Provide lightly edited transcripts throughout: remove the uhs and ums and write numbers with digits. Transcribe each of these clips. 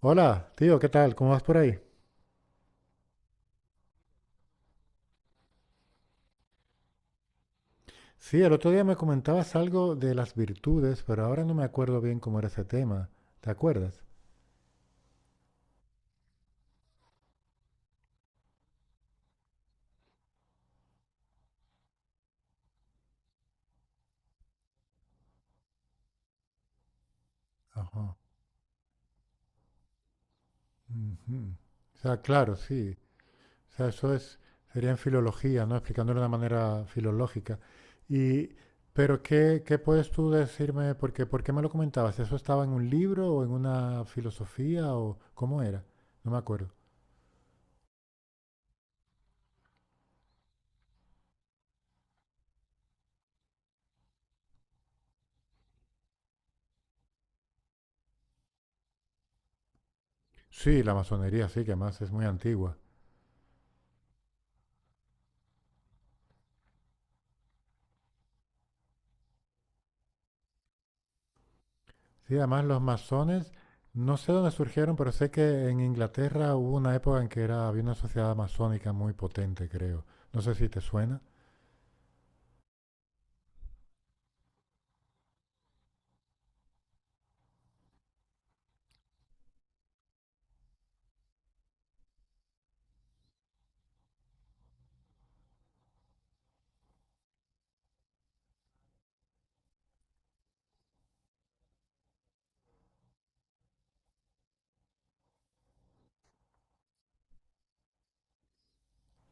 Hola, tío, ¿qué tal? ¿Cómo vas por ahí? Sí, el otro día me comentabas algo de las virtudes, pero ahora no me acuerdo bien cómo era ese tema. ¿Te acuerdas? Ajá. ujú. O sea, claro, sí. O sea, eso es, sería en filología, ¿no? Explicándolo de una manera filológica. Y, pero ¿qué, qué puedes tú decirme? Porque, ¿por qué me lo comentabas? ¿Eso estaba en un libro o en una filosofía o cómo era? No me acuerdo. Sí, la masonería, sí, que además es muy antigua. Sí, además los masones, no sé dónde surgieron, pero sé que en Inglaterra hubo una época en que era, había una sociedad masónica muy potente, creo. No sé si te suena.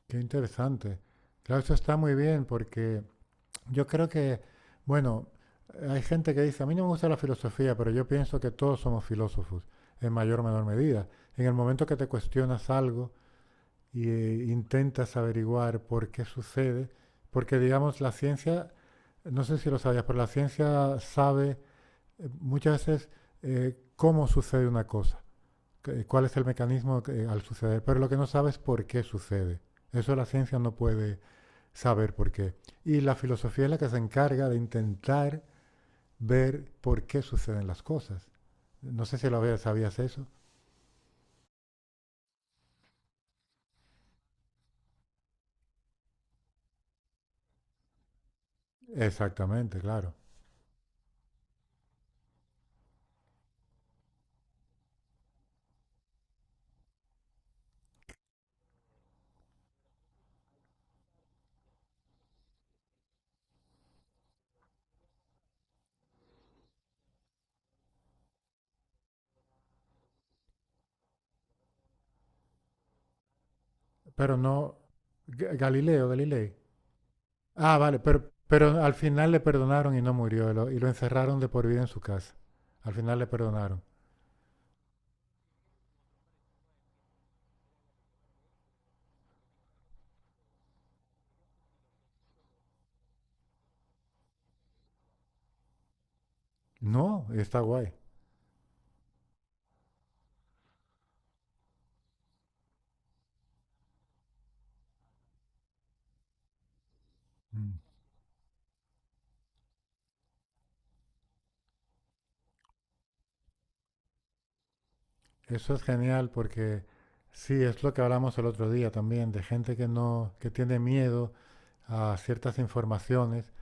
Qué interesante. Claro, eso está muy bien porque yo creo que, bueno, hay gente que dice, a mí no me gusta la filosofía, pero yo pienso que todos somos filósofos, en mayor o menor medida. En el momento que te cuestionas algo y intentas averiguar por qué sucede, porque digamos, la ciencia, no sé si lo sabías, pero la ciencia sabe muchas veces cómo sucede una cosa, cuál es el mecanismo al suceder, pero lo que no sabe es por qué sucede. Eso la ciencia no puede saber por qué. Y la filosofía es la que se encarga de intentar ver por qué suceden las cosas. No sé si lo sabías eso. Exactamente, claro. Pero no. Galileo, Galilei. Ah, vale, pero al final le perdonaron y no murió. Y lo encerraron de por vida en su casa. Al final le perdonaron. No, está guay. Mm. Eso es genial porque sí, es lo que hablamos el otro día también, de gente que no, que tiene miedo a ciertas informaciones,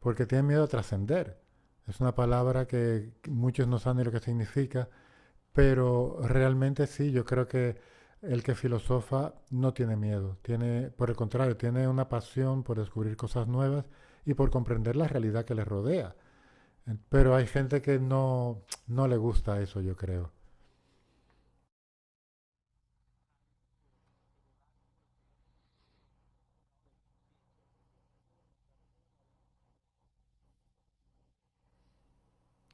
porque tiene miedo a trascender. Es una palabra que muchos no saben ni lo que significa, pero realmente sí, yo creo que el que filosofa no tiene miedo, tiene, por el contrario, tiene una pasión por descubrir cosas nuevas y por comprender la realidad que le rodea. Pero hay gente que no, no le gusta eso, yo creo.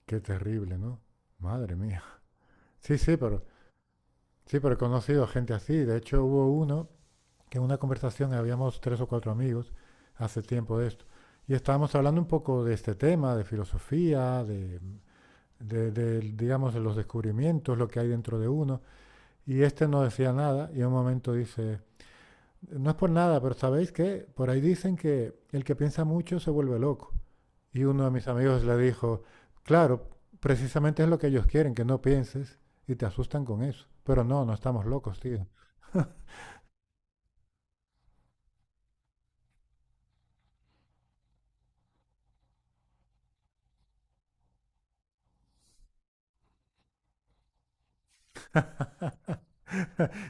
Qué terrible, ¿no? Madre mía. Sí, sí, pero he conocido gente así. De hecho, hubo uno que en una conversación habíamos tres o cuatro amigos hace tiempo de esto. Y estábamos hablando un poco de este tema, de filosofía, de, digamos, de los descubrimientos, lo que hay dentro de uno. Y este no decía nada y en un momento dice, no es por nada, pero ¿sabéis qué? Por ahí dicen que el que piensa mucho se vuelve loco. Y uno de mis amigos le dijo, claro, precisamente es lo que ellos quieren, que no pienses, y te asustan con eso. Pero no, no estamos locos, tío.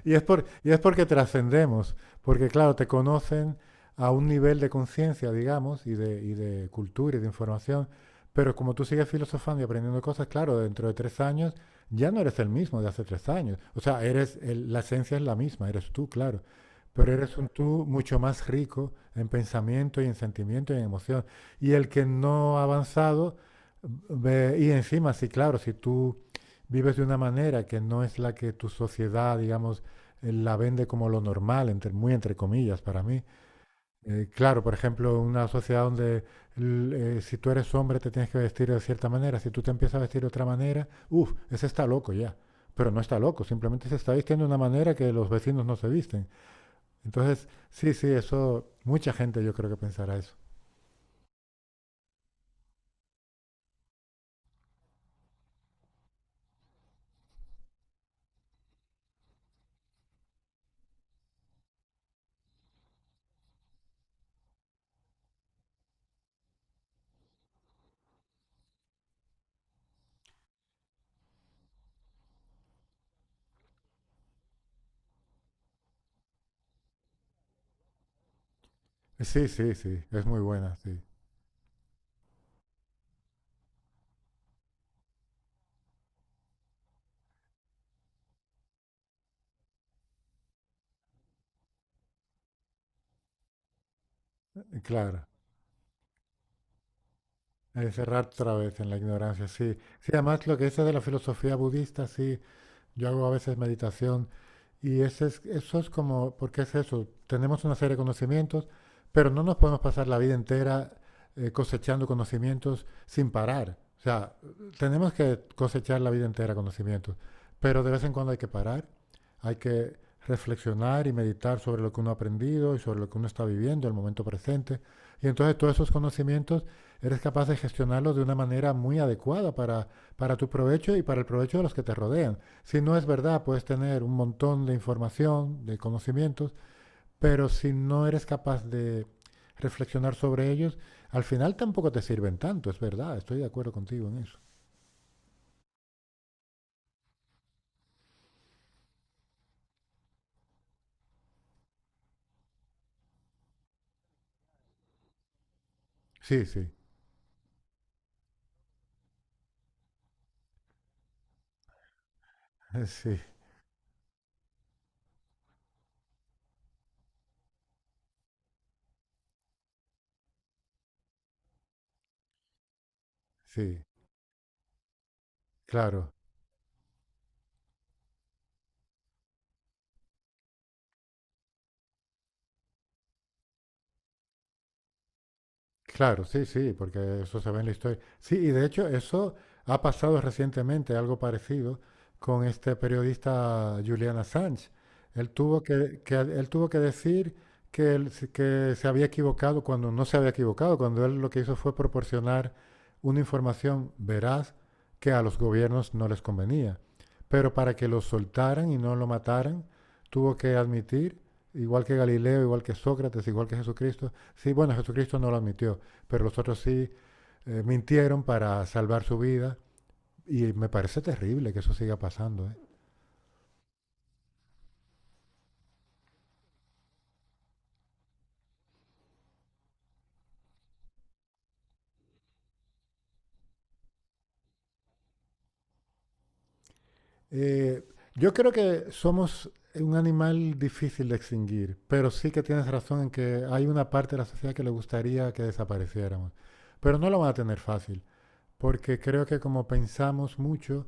Y es, por, y es porque trascendemos, porque claro, te conocen a un nivel de conciencia, digamos, y de cultura y de información, pero como tú sigues filosofando y aprendiendo cosas, claro, dentro de tres años ya no eres el mismo de hace tres años. O sea, la esencia es la misma, eres tú, claro, pero eres un tú mucho más rico en pensamiento y en sentimiento y en emoción. Y el que no ha avanzado, y encima, sí, claro, si tú vives de una manera que no es la que tu sociedad, digamos, él la vende como lo normal, entre, muy entre comillas para mí. Claro, por ejemplo, una sociedad donde si tú eres hombre te tienes que vestir de cierta manera, si tú te empiezas a vestir de otra manera, uff, ese está loco ya. Pero no está loco, simplemente se está vistiendo de una manera que los vecinos no se visten. Entonces, sí, sí, eso, mucha gente yo creo que pensará eso. Sí, sí, sí, es muy buena, sí. Claro, encerrar otra vez en la ignorancia, sí. Sí, además lo que dices de la filosofía budista, sí, yo hago a veces meditación. Y ese es, eso es como, porque es eso, tenemos una serie de conocimientos, pero no nos podemos pasar la vida entera cosechando conocimientos sin parar. O sea, tenemos que cosechar la vida entera conocimientos, pero de vez en cuando hay que parar, hay que reflexionar y meditar sobre lo que uno ha aprendido y sobre lo que uno está viviendo, el momento presente. Y entonces todos esos conocimientos eres capaz de gestionarlos de una manera muy adecuada para tu provecho y para el provecho de los que te rodean. Si no es verdad, puedes tener un montón de información, de conocimientos, pero si no eres capaz de reflexionar sobre ellos, al final tampoco te sirven tanto, es verdad, estoy de acuerdo contigo en eso. Sí, sí, sí, sí, claro. Claro, sí, sí, porque eso se ve en la historia. Sí, y de hecho eso ha pasado recientemente, algo parecido, con este periodista Julian Assange. Él tuvo que, él tuvo que decir que, que se había equivocado cuando no se había equivocado, cuando él lo que hizo fue proporcionar una información veraz que a los gobiernos no les convenía. Pero para que lo soltaran y no lo mataran, tuvo que admitir, igual que Galileo, igual que Sócrates, igual que Jesucristo, sí, bueno, Jesucristo no lo admitió, pero los otros sí mintieron para salvar su vida y me parece terrible que eso siga pasando. ¿Eh? Eh, yo creo que somos un animal difícil de extinguir, pero sí que tienes razón en que hay una parte de la sociedad que le gustaría que desapareciéramos, pero no lo van a tener fácil, porque creo que como pensamos mucho,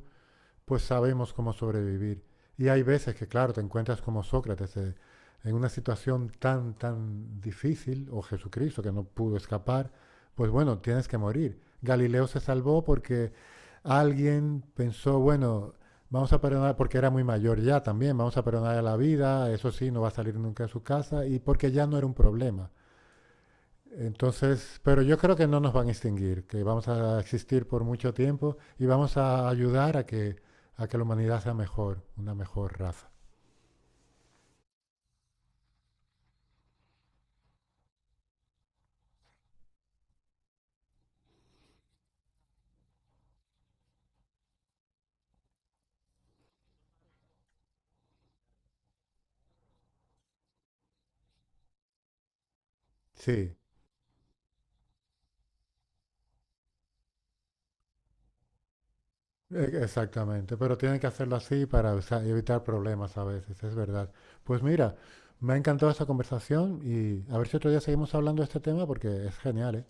pues sabemos cómo sobrevivir. Y hay veces que, claro, te encuentras como Sócrates en una situación tan, tan difícil, o Jesucristo que no pudo escapar, pues bueno, tienes que morir. Galileo se salvó porque alguien pensó, bueno, vamos a perdonar, porque era muy mayor ya también, vamos a perdonar a la vida, eso sí, no va a salir nunca de su casa, y porque ya no era un problema. Entonces, pero yo creo que no nos van a extinguir, que vamos a existir por mucho tiempo y vamos a ayudar a que la humanidad sea mejor, una mejor raza. Sí, exactamente, pero tienen que hacerlo así para, o sea, evitar problemas a veces, es verdad. Pues mira, me ha encantado esta conversación y a ver si otro día seguimos hablando de este tema porque es genial, ¿eh?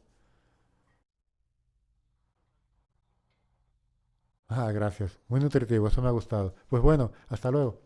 Ah, gracias. Muy nutritivo, eso me ha gustado. Pues bueno, hasta luego.